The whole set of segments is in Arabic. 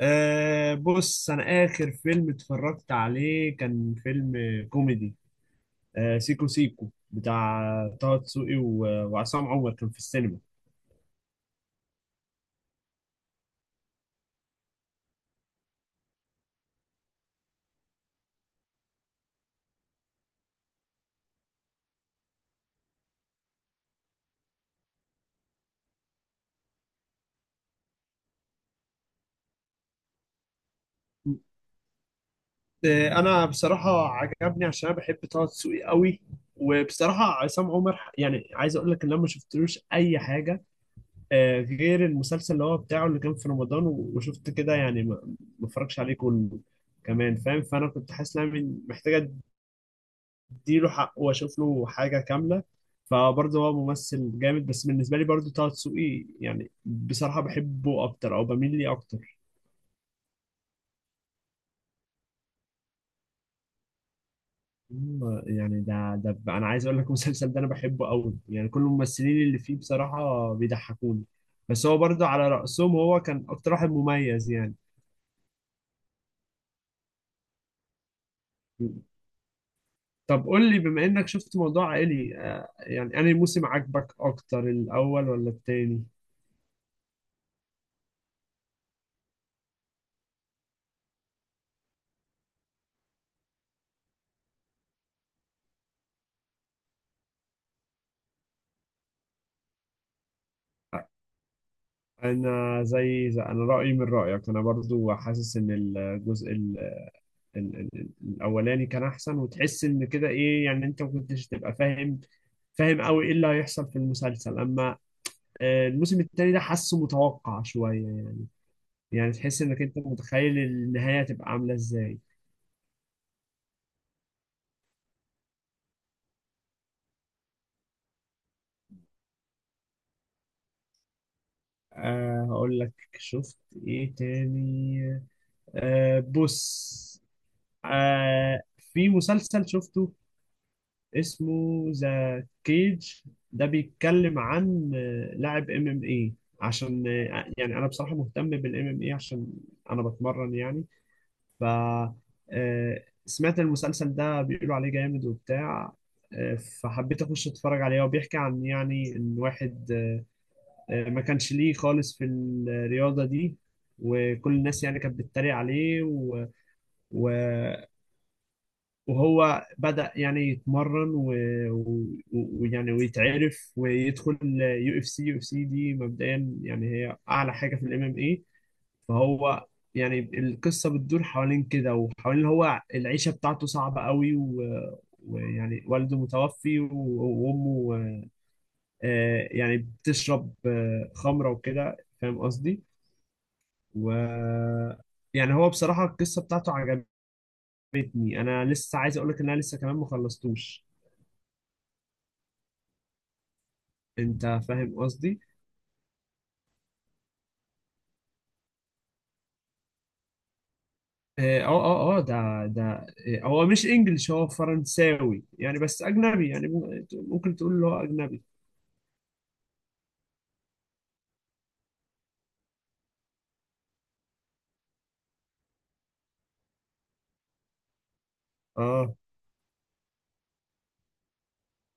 بص أنا آخر فيلم اتفرجت عليه كان فيلم كوميدي. سيكو سيكو بتاع طه دسوقي و- وعصام عمر كان في السينما. أنا بصراحة عجبني عشان أنا بحب طه دسوقي قوي، وبصراحة عصام عمر يعني عايز أقول لك إن أنا ما شفتلوش أي حاجة، غير المسلسل اللي هو بتاعه اللي كان في رمضان و- وشفت كده، يعني ما اتفرجش عليه كله كمان فاهم. فانا كنت حاسس ان انا محتاجه اديله حقه واشوف له حاجه كامله، فبرضه هو ممثل جامد، بس بالنسبه لي برضه طه دسوقي يعني بصراحه بحبه اكتر او بميل ليه اكتر. يعني انا عايز اقول لك المسلسل ده انا بحبه قوي، يعني كل الممثلين اللي فيه بصراحه بيضحكوني، بس هو برضه على رأسهم، هو كان اكتر واحد مميز يعني. طب قول لي، بما انك شفت موضوع عائلي، يعني انهي موسم عجبك اكتر، الاول ولا التاني؟ انا زي انا رايي من رايك، انا برضو حاسس ان الجزء ال ال ال الاولاني كان احسن، وتحس ان كده ايه، يعني انت ما كنتش تبقى فاهم قوي ايه اللي هيحصل في المسلسل، اما، الموسم التاني ده حاسه متوقع شويه يعني. يعني تحس انك انت متخيل النهايه هتبقى عامله ازاي. أه هقول لك، شفت ايه تاني. بص. آه في مسلسل شفته اسمه ذا كيج، ده بيتكلم عن لاعب MMA، عشان يعني انا بصراحة مهتم بالام ام اي، عشان انا بتمرن يعني. ف سمعت المسلسل ده بيقولوا عليه جامد وبتاع، فحبيت اخش اتفرج عليه. هو بيحكي عن، يعني، ان واحد ما كانش ليه خالص في الرياضة دي، وكل الناس يعني كانت بتتريق عليه، و... و... وهو بدأ يعني يتمرن و- و- ويعني ويتعرف، ويدخل UFC. UFC دي مبدئيا يعني هي اعلى حاجه في الام ام اي. فهو، يعني، القصه بتدور حوالين كده، وحوالين هو العيشه بتاعته صعبه قوي و- ويعني والده متوفي وامه، يعني بتشرب خمره وكده، فاهم قصدي. و يعني هو بصراحه القصه بتاعته عجبتني، انا لسه عايز اقول لك ان انا لسه كمان ما خلصتوش، انت فاهم قصدي. اه، اه. اه، ده، هو مش انجلش، هو فرنساوي يعني، بس اجنبي يعني، ممكن تقول اللي هو اجنبي. اه،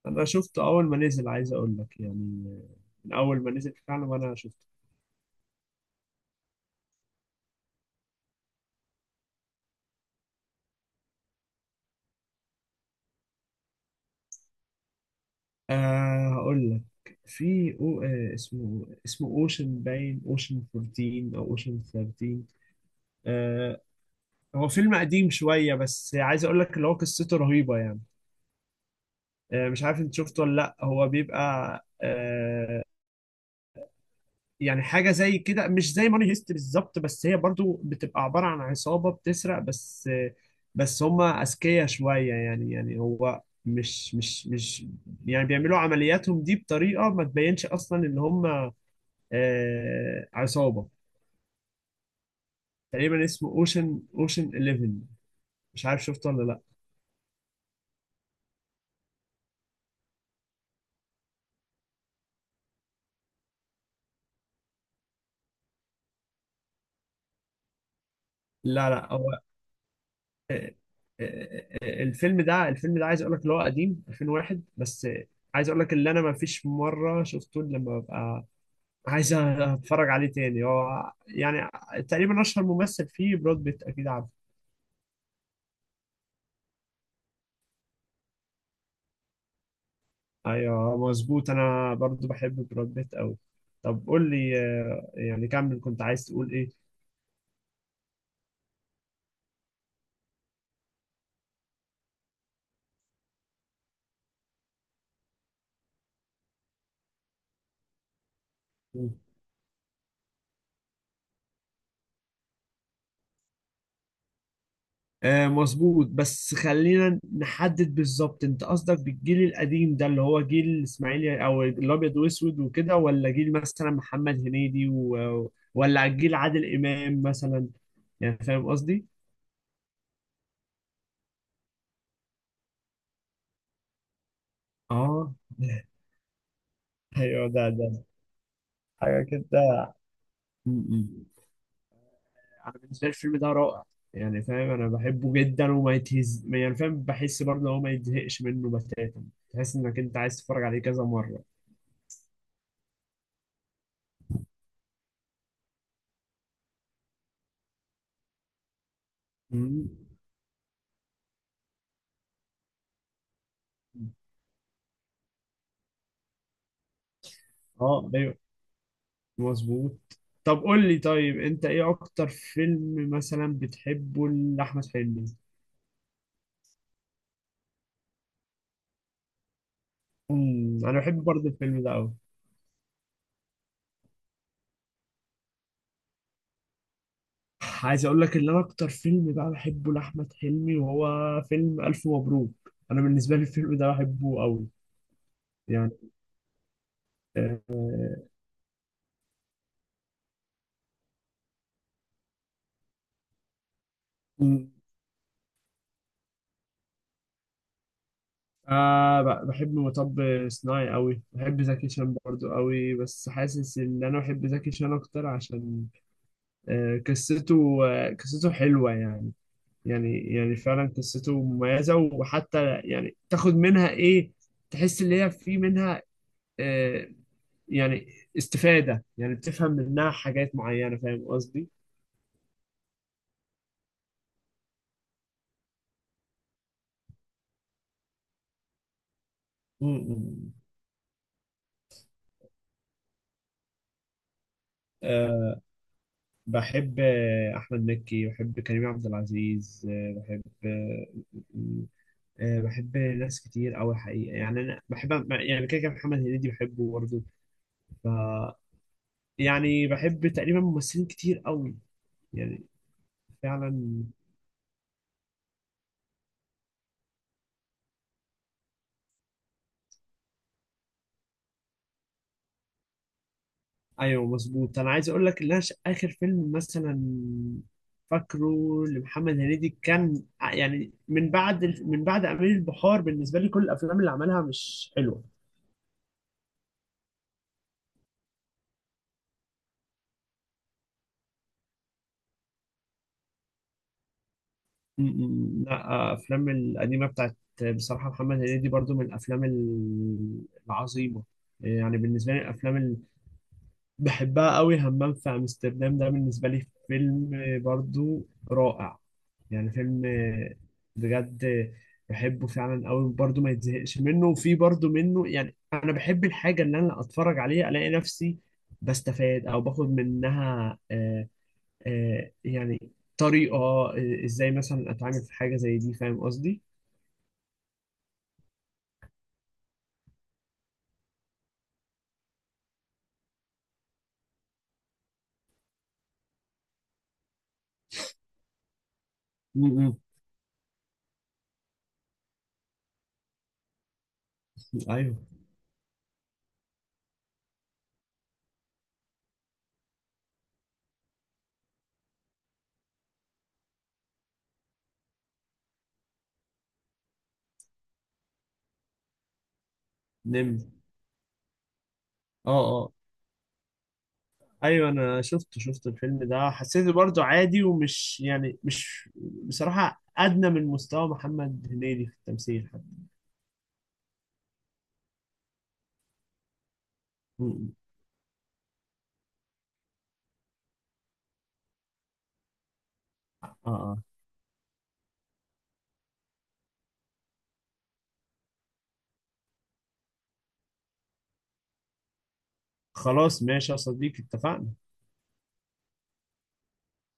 انا شفته اول ما نزل، عايز اقول لك يعني، من اول ما نزل فعلا وانا شفته. آه هقول لك، في أو آه اسمه اسمه اوشن باين، اوشن 14 او اوشن 13. آه هو فيلم قديم شوية، بس عايز اقول لك اللي هو قصته رهيبة يعني. آه مش عارف انت شفته ولا لا، هو بيبقى، آه، يعني، حاجه زي كده، مش زي ماني هيست بالظبط، بس هي برضو بتبقى عباره عن عصابه بتسرق. بس بس هم اذكياء شويه يعني، يعني هو مش مش مش يعني بيعملوا عملياتهم دي بطريقه ما تبينش اصلا ان هم آه عصابه. تقريبا اسمه اوشن 11، مش عارف شفته ولا لا. لا لا، هو، آه، الفيلم ده عايز اقول لك اللي هو قديم 2001، بس، عايز اقول لك اللي انا ما فيش مره شفته إلا لما ببقى عايز اتفرج عليه تاني. هو يعني تقريبا اشهر ممثل فيه براد بيت، اكيد عارف. ايوه مظبوط، انا برضو بحب براد بيت قوي. طب قول لي، يعني كمل، كنت عايز تقول ايه. مم. آه مظبوط، بس خلينا نحدد بالظبط انت قصدك بالجيل القديم ده، اللي هو جيل اسماعيل او الابيض واسود وكده، ولا جيل مثلا محمد هنيدي ولا جيل عادل امام مثلا. يعني فاهم قصدي. اه ايوه، ده حاجه كده. م-م. انا بالنسبه لي الفيلم ده رائع يعني، فاهم، انا بحبه جدا وما يتهز، يعني فاهم، بحس برضه هو ما يتزهقش منه بتاتا، تحس انك انت عايز تتفرج عليه كذا مره. م-م. اه ايوه مظبوط. طب قول لي، طيب انت ايه اكتر فيلم مثلا بتحبه لاحمد حلمي؟ امم، انا بحب برضه الفيلم ده قوي. عايز اقول لك ان انا اكتر فيلم بقى بحبه لاحمد حلمي وهو فيلم الف مبروك، انا بالنسبه لي الفيلم ده بحبه قوي يعني. آه، آه بحب مطب صناعي قوي، بحب زكي شان برضو قوي، بس حاسس ان انا بحب زكي شان اكتر عشان آه قصته، آه قصته حلوة يعني، يعني فعلا قصته مميزة، وحتى يعني تاخد منها ايه، تحس ان هي في منها، آه، يعني، استفادة، يعني بتفهم منها حاجات معينة، فاهم قصدي؟ م- م. آه بحب، احمد مكي، بحب كريم عبد العزيز، آه بحب آه آه، بحب ناس كتير أوي حقيقة، يعني أنا بحب، يعني كده كده محمد هنيدي بحبه برضه. ف يعني بحب تقريبا ممثلين كتير أوي يعني فعلا. أيوه مظبوط، أنا عايز أقول لك إن أنا آخر فيلم مثلا فاكره لمحمد هنيدي كان يعني من بعد من بعد أمير البحار، بالنسبة لي كل الأفلام اللي عملها مش حلوة. م- م-، لا، أفلام القديمة بتاعت بصراحة محمد هنيدي برضو من الأفلام العظيمة، يعني بالنسبة لي الأفلام بحبها قوي، همام في امستردام ده بالنسبه لي فيلم برضو رائع، يعني فيلم بجد بحبه فعلا قوي، برضو ما يتزهقش منه، وفي برضو منه، يعني انا بحب الحاجه اللي انا اتفرج عليها، الاقي نفسي بستفاد او باخد منها، يعني، طريقه، ازاي مثلا اتعامل في حاجه زي دي، فاهم قصدي؟ م- م-. ايوه، نمر. اه اه، ايوه انا شفته، شفت الفيلم ده، حسيته برضه عادي، ومش يعني مش، بصراحه، ادنى من مستوى محمد هنيدي في التمثيل حتى. م- م. اه اه. خلاص ماشي يا صديقي، اتفقنا.